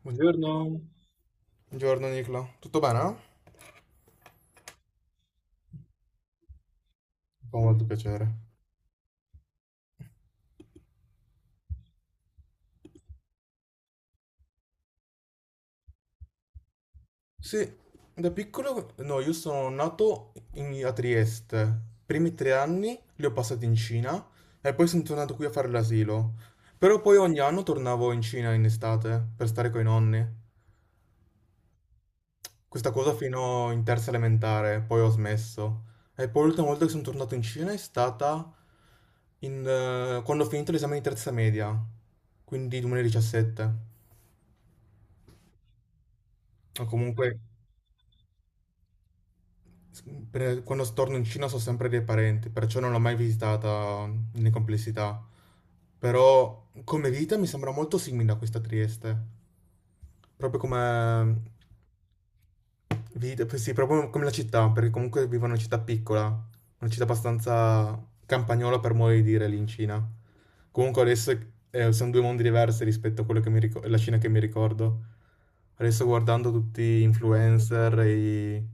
Buongiorno. Buongiorno Nicola, tutto bene? Fa molto piacere. Sì, da piccolo, no, io sono nato a Trieste, i primi 3 anni li ho passati in Cina e poi sono tornato qui a fare l'asilo, però poi ogni anno tornavo in Cina in estate per stare con i nonni, questa cosa fino in terza elementare, poi ho smesso. E poi l'ultima volta che sono tornato in Cina è stata quando ho finito l'esame di terza media, quindi 2017. Ma comunque s- quando torno in Cina so sempre dei parenti, perciò non l'ho mai visitata in complessità. Però come vita mi sembra molto simile a questa Trieste. Proprio come vita, sì, proprio come la città, perché comunque vivo in una città piccola, una città abbastanza campagnola per modo di dire lì in Cina. Comunque adesso sono due mondi diversi rispetto a quello che mi ricordo, la Cina che mi ricordo. Adesso guardando tutti gli influencer e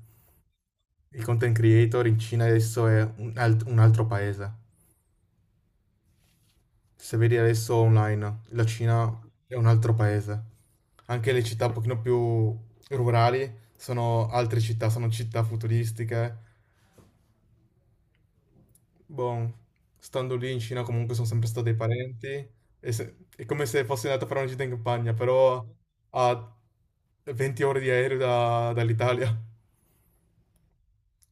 i content creator, in Cina adesso è un altro paese. Se vedi adesso online, la Cina è un altro paese. Anche le città un pochino più rurali sono altre città, sono città futuristiche. Boh, stando lì in Cina comunque sono sempre stati parenti, e è come se fossi andato a fare una gita in campagna, però a 20 ore di aereo dall'Italia.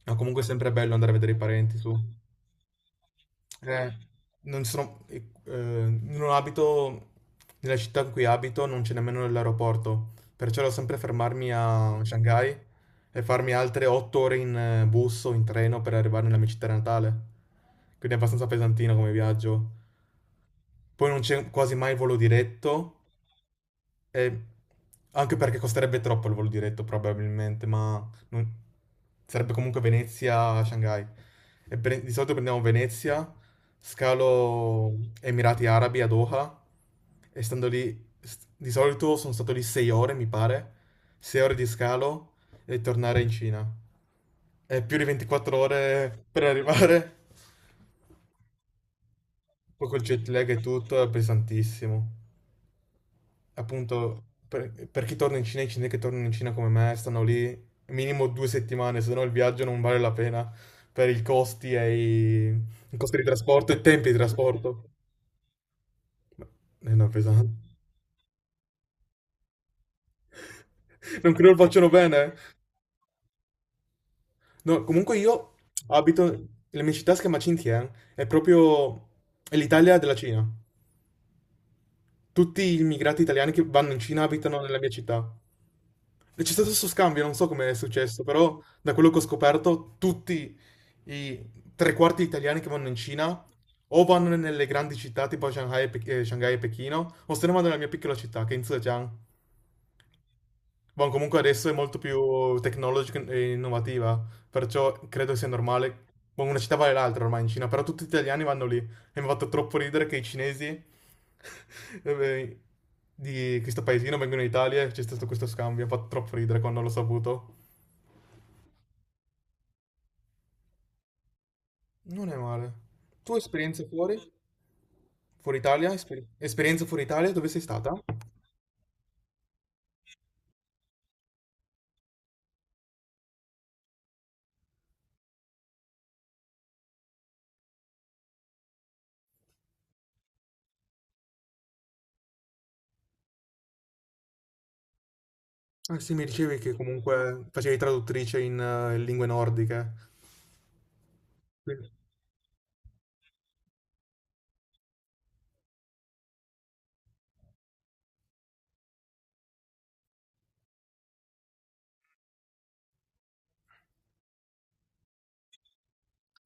Ma comunque è sempre bello andare a vedere i parenti, su. Eh, non sono, non abito, nella città in cui abito non c'è nemmeno l'aeroporto, perciò devo sempre fermarmi a Shanghai e farmi altre 8 ore in bus o in treno per arrivare nella mia città natale. Quindi è abbastanza pesantino come viaggio. Poi non c'è quasi mai il volo diretto, e anche perché costerebbe troppo il volo diretto probabilmente, ma sarebbe comunque Venezia a Shanghai. E di solito prendiamo Venezia, scalo Emirati Arabi a Doha, e stando lì, di solito sono stato lì 6 ore, mi pare, 6 ore di scalo e tornare in Cina. È più di 24 ore per arrivare, poi col jet lag e tutto è pesantissimo. Appunto, per chi torna in Cina, i cinesi che tornano in Cina come me stanno lì minimo 2 settimane, se no il viaggio non vale la pena per i costi e i costi di trasporto e i tempi di trasporto. È una pesante. Non credo lo facciano bene. Eh. No, comunque io abito, la mia città si chiama Xinjiang, è proprio è l'Italia della Cina. Tutti gli immigrati italiani che vanno in Cina abitano nella mia città. E c'è stato questo scambio, non so come è successo, però da quello che ho scoperto, tutti i tre quarti italiani che vanno in Cina o vanno nelle grandi città tipo Shanghai e Pechino, o se ne vanno nella mia piccola città che è in Zhejiang. Boh, comunque adesso è molto più tecnologica e innovativa, perciò credo sia normale. Boh, una città vale l'altra ormai in Cina, però tutti gli italiani vanno lì. E mi ha fatto troppo ridere che i cinesi eh, di questo paesino vengono in Italia e c'è stato questo scambio. Mi ha fatto troppo ridere quando l'ho saputo. Non è male. Tu hai esperienze fuori? Fuori Italia? Esperienze fuori Italia? Dove sei stata? Ah, sì, mi dicevi che comunque facevi traduttrice in lingue nordiche. Sì.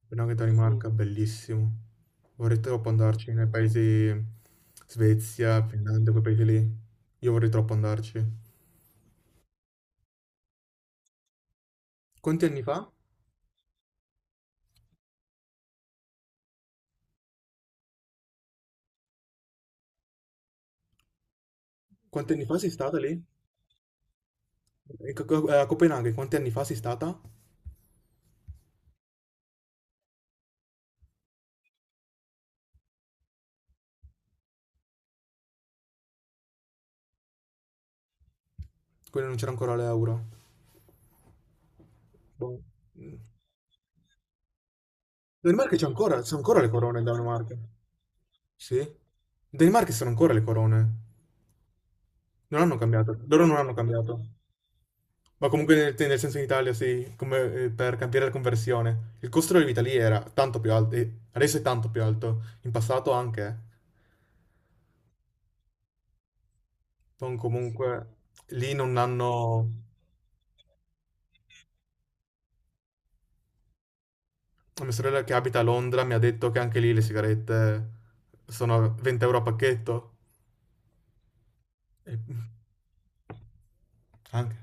Penso che da Danimarca, bellissimo. Vorrei troppo andarci nei paesi Svezia, Finlandia, quei paesi lì. Io vorrei troppo andarci. Quanti anni fa? Quanti anni fa sei stata lì? E a Copenaghen, quanti anni fa sei stata? Quindi non c'era ancora l'euro. Boh. Danimarca c'è ancora le corone in Danimarca. Sì? In Danimarca ci sono ancora le corone. Non hanno cambiato. Loro non hanno cambiato. Ma comunque nel senso in Italia sì, come per cambiare la conversione. Il costo della vita lì era tanto più alto, e adesso è tanto più alto, in passato anche. Sono comunque lì non hanno. Mia sorella che abita a Londra mi ha detto che anche lì le sigarette sono 20 € a pacchetto. E- mm, Anche.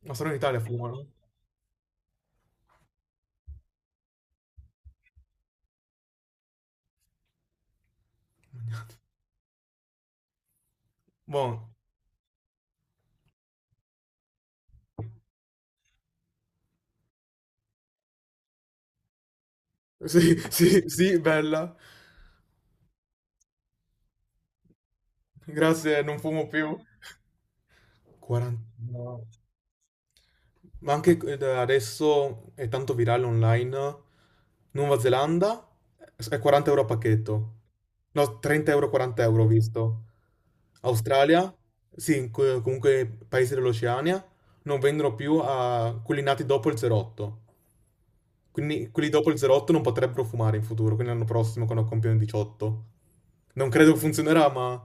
Ma solo in Italia fumano. Buono. Sì, sì, sì, bella. Grazie, non fumo più. 40. Ma anche da adesso è tanto virale online. Nuova Zelanda è 40 € a pacchetto. No, 30 euro, 40 € ho visto. Australia, sì, comunque paesi dell'Oceania, non vendono più a quelli nati dopo il 08. Quindi quelli dopo il 08 non potrebbero fumare in futuro, quindi l'anno prossimo quando compiono 18. Non credo che funzionerà, ma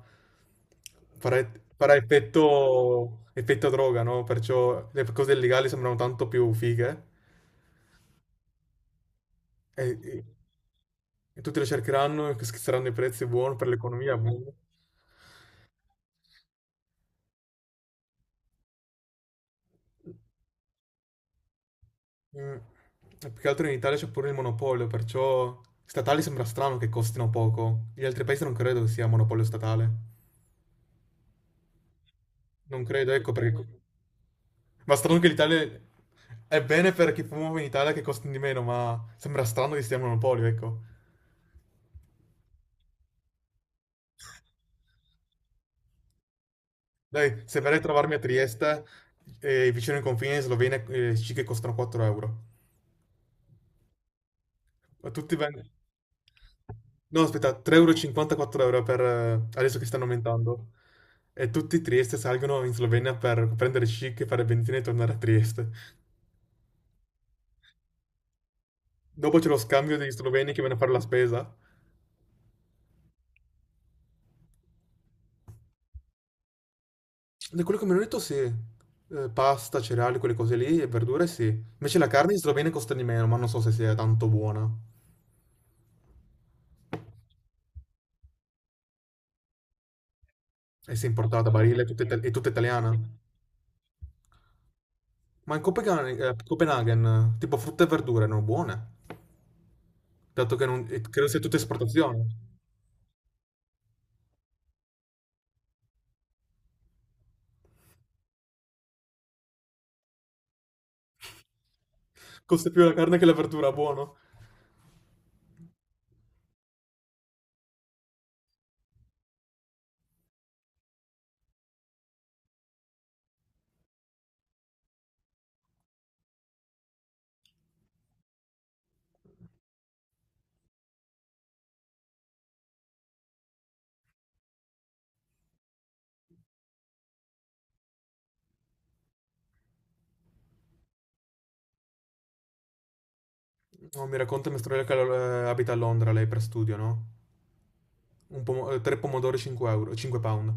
farà, farà effetto, effetto droga, no? Perciò le cose illegali sembrano tanto più fighe e, e- e tutti le cercheranno e schizzeranno i prezzi buoni per l'economia. Buono. Mm. E più che altro in Italia c'è pure il monopolio, perciò statali sembra strano che costino poco. Gli altri paesi non credo che sia monopolio statale. Non credo, ecco perché. Ma strano che l'Italia è bene per chi fuma in Italia che costa di meno, ma sembra strano che stia a monopolio, ecco. Dai, se verrai a trovarmi a Trieste, vicino ai confini in Slovenia, sì che costano 4 euro. Ma tutti vengono. No, aspetta, 3,54 € e cinquanta, 4 € per. Adesso che stanno aumentando. E tutti i Trieste salgono in Slovenia per prendere chic, fare benzina e tornare a Trieste. Dopo c'è lo scambio degli sloveni che vanno a fare la spesa. Di quello che mi hanno detto sì. Pasta, cereali, quelle cose lì e verdure sì. Invece la carne in Slovenia costa di meno, ma non so se sia tanto buona. E se è importata, Barile, è tutta italiana. Ma in Copenaghen, tipo frutta e verdure, non buone. Dato che non, credo sia tutta esportazione. Costa più la carne che la verdura, buono. No, mi racconta mia sorella che abita a Londra, lei per studio, no? Tre pomodori 5 euro, £5.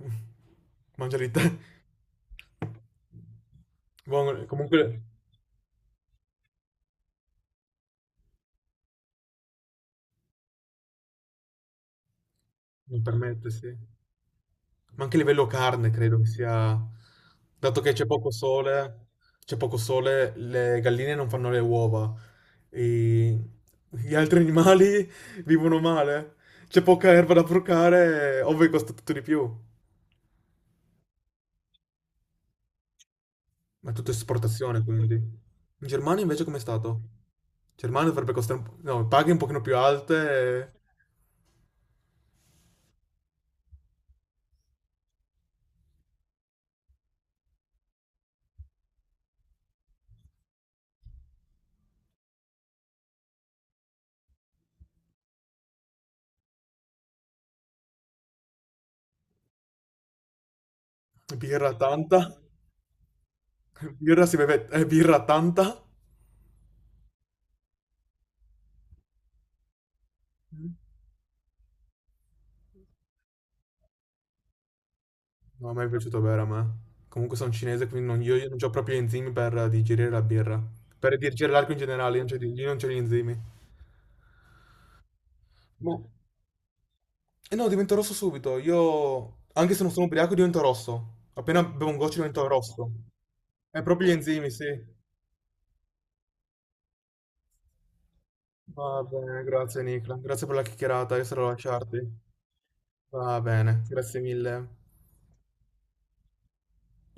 Mangia lì te. Buono, comunque. Mi permette, sì. Ma anche a livello carne credo che sia. Dato che c'è poco sole, C'è poco sole, le galline non fanno le uova. E gli altri animali vivono male. C'è poca erba da procare, ovvio che costa tutto di più. Ma è tutto esportazione, quindi. In Germania invece com'è stato? In Germania dovrebbe costare un po'. No, paghe un pochino più alte, birra tanta. Birra si beve, birra tanta. Non è mai piaciuto bere a me. Comunque sono cinese, quindi io non ho proprio gli enzimi per digerire la birra. Per digerire l'alcol in generale, io non c'ho gli enzimi. Boh. E no, divento rosso subito. Io, anche se non sono ubriaco, divento rosso. Appena bevo un goccio divento rosso. È proprio gli enzimi, sì. Va bene, grazie Nicola. Grazie per la chiacchierata, io sarò a lasciarti. Va bene, grazie mille.